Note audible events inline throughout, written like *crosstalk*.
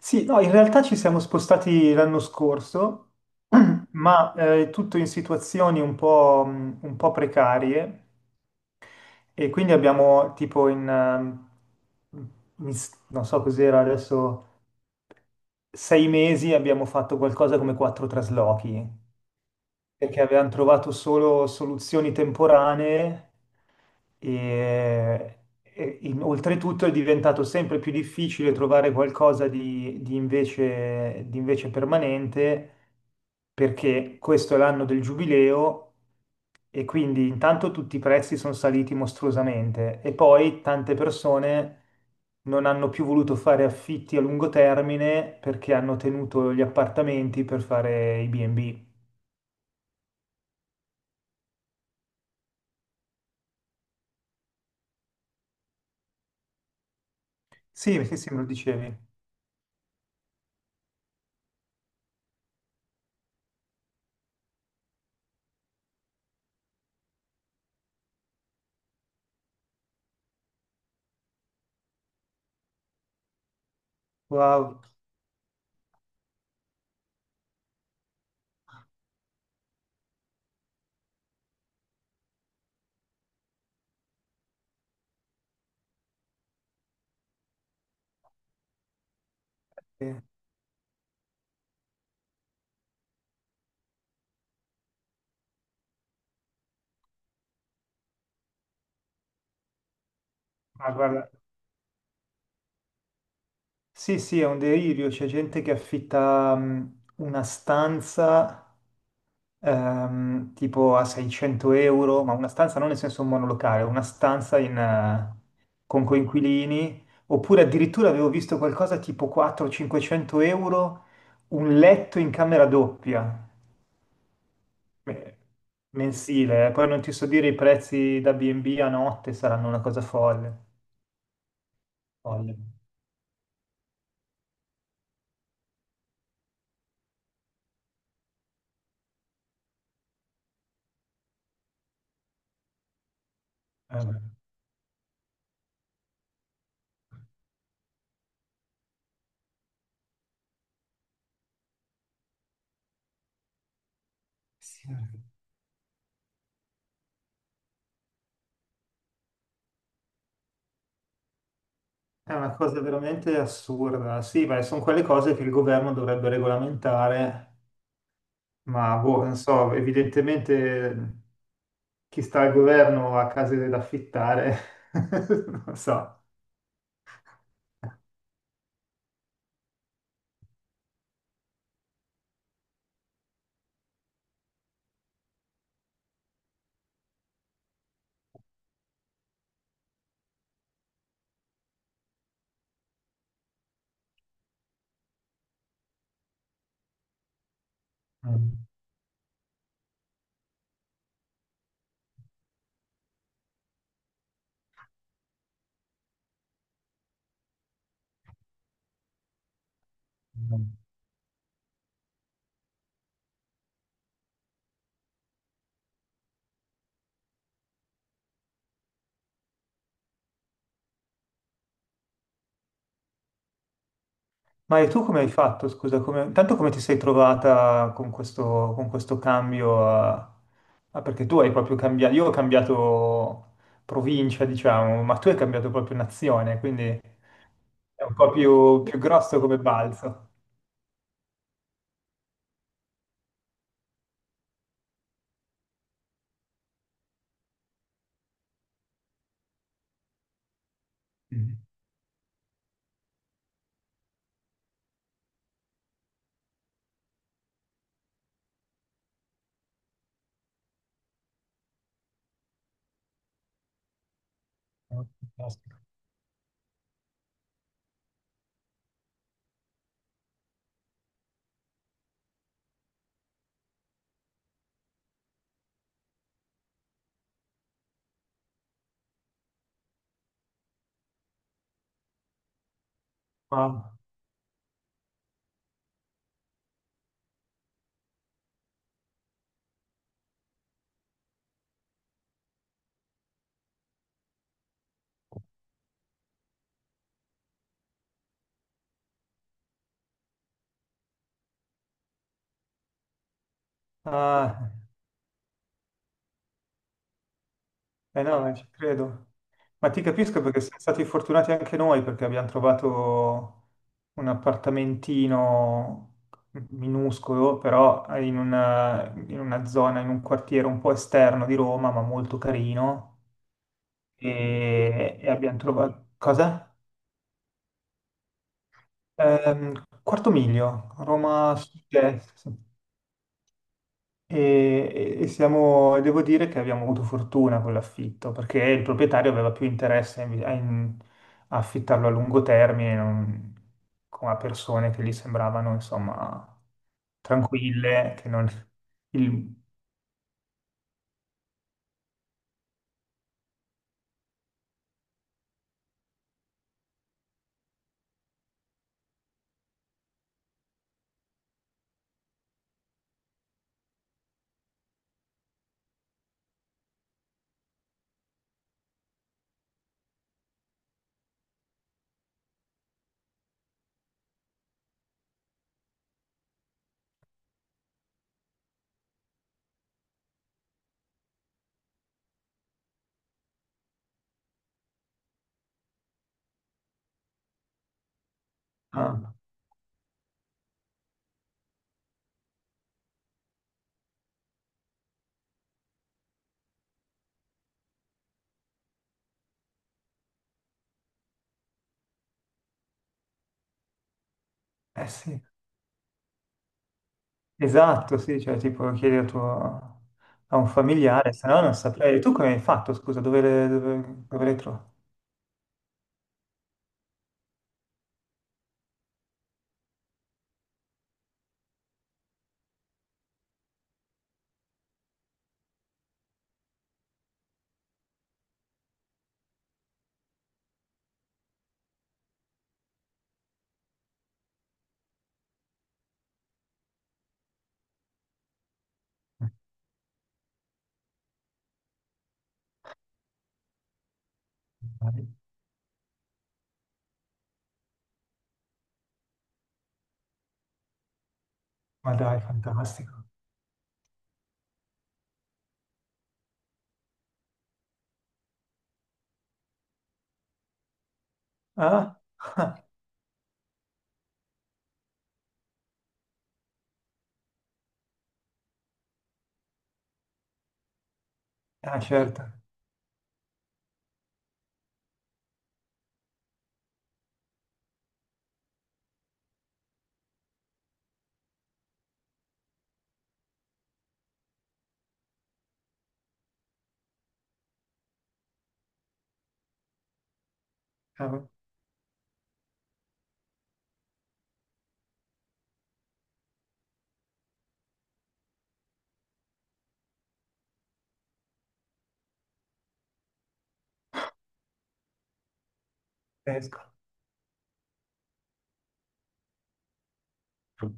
Sì, no, in realtà ci siamo spostati l'anno scorso, *clears throat* ma tutto in situazioni un po' precarie e quindi abbiamo tipo non so cos'era adesso, 6 mesi abbiamo fatto qualcosa come quattro traslochi perché avevano trovato solo soluzioni temporanee e, e oltretutto è diventato sempre più difficile trovare qualcosa di invece permanente perché questo è l'anno del giubileo e quindi intanto tutti i prezzi sono saliti mostruosamente e poi tante persone non hanno più voluto fare affitti a lungo termine perché hanno tenuto gli appartamenti per fare i B&B. Sì, sì, sì, me lo dicevi. Wow. eh, Ma guarda, sì, sì, è un delirio. C'è gente che affitta una stanza tipo a 600 euro, ma una stanza non nel senso un monolocale, una stanza con coinquilini. Oppure addirittura avevo visto qualcosa tipo 400-500 euro, un letto in camera doppia, eh, mensile. Poi non ti so dire i prezzi da B&B a notte saranno una cosa folle. Folle. Eh, sì. È una cosa veramente assurda. Sì, ma sono quelle cose che il governo dovrebbe regolamentare, ma boh, non so, evidentemente chi sta al governo ha case da affittare, *laughs* non so. Mm. Ma e tu come hai fatto, scusa, tanto come ti sei trovata con questo cambio? Ah, perché tu hai proprio cambiato, io ho cambiato provincia, diciamo, ma tu hai cambiato proprio nazione, quindi è un po' più grosso come balzo. Mhm. Ah, fantastico. Wow. Ah. Eh no, ci credo. Ma ti capisco, perché siamo stati fortunati anche noi perché abbiamo trovato un appartamentino minuscolo, però in una zona, in un quartiere un po' esterno di Roma, ma molto carino. E abbiamo trovato. Cosa? Quarto Miglio, Roma Sud-Est. E siamo, devo dire che abbiamo avuto fortuna con l'affitto, perché il proprietario aveva più interesse a affittarlo a lungo termine, non, a persone che gli sembravano, insomma, tranquille, che non... il- ah, eh sì, esatto, sì, cioè tipo chiedi a un familiare, se no non saprei. Tu come hai fatto, scusa, dove le trovi? Ma dai, fantastico. Ah? *laughs* Ah, certo. Ah, pazzesco.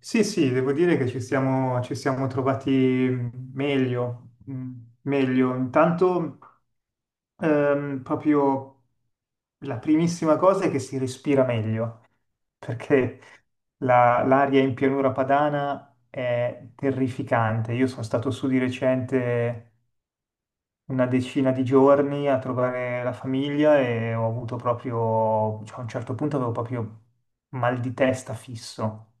Sì, sì, devo dire che ci siamo trovati meglio. Intanto, proprio la primissima cosa è che si respira meglio, perché l'aria in pianura padana è terrificante. Io sono stato su di recente una decina di giorni a trovare la famiglia e ho avuto proprio, cioè, a un certo punto avevo proprio mal di testa fisso.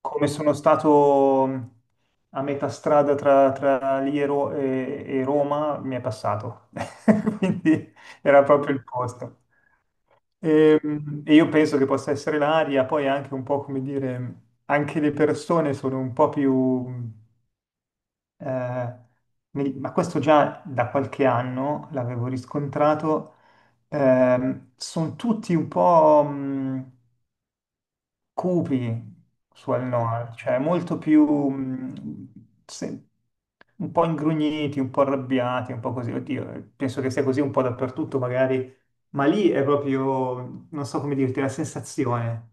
Come sono stato a metà strada tra lì e Roma, mi è passato. *laughs* Quindi era proprio il posto. E io penso che possa essere l'aria, poi anche un po', come dire, anche le persone sono un po'... più... eh, nel- ma questo già da qualche anno l'avevo riscontrato, sono tutti un po', cupi sul Noir, cioè molto più se- un po' ingrugniti, un po' arrabbiati, un po' così. Oddio, penso che sia così un po' dappertutto magari, ma lì è proprio, non so come dirti, la sensazione.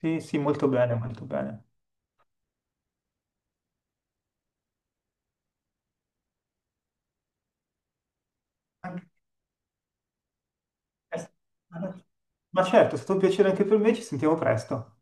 Sì, sì, molto bene, molto bene. Anche- eh, Ma certo, è stato un piacere anche per me, ci sentiamo presto.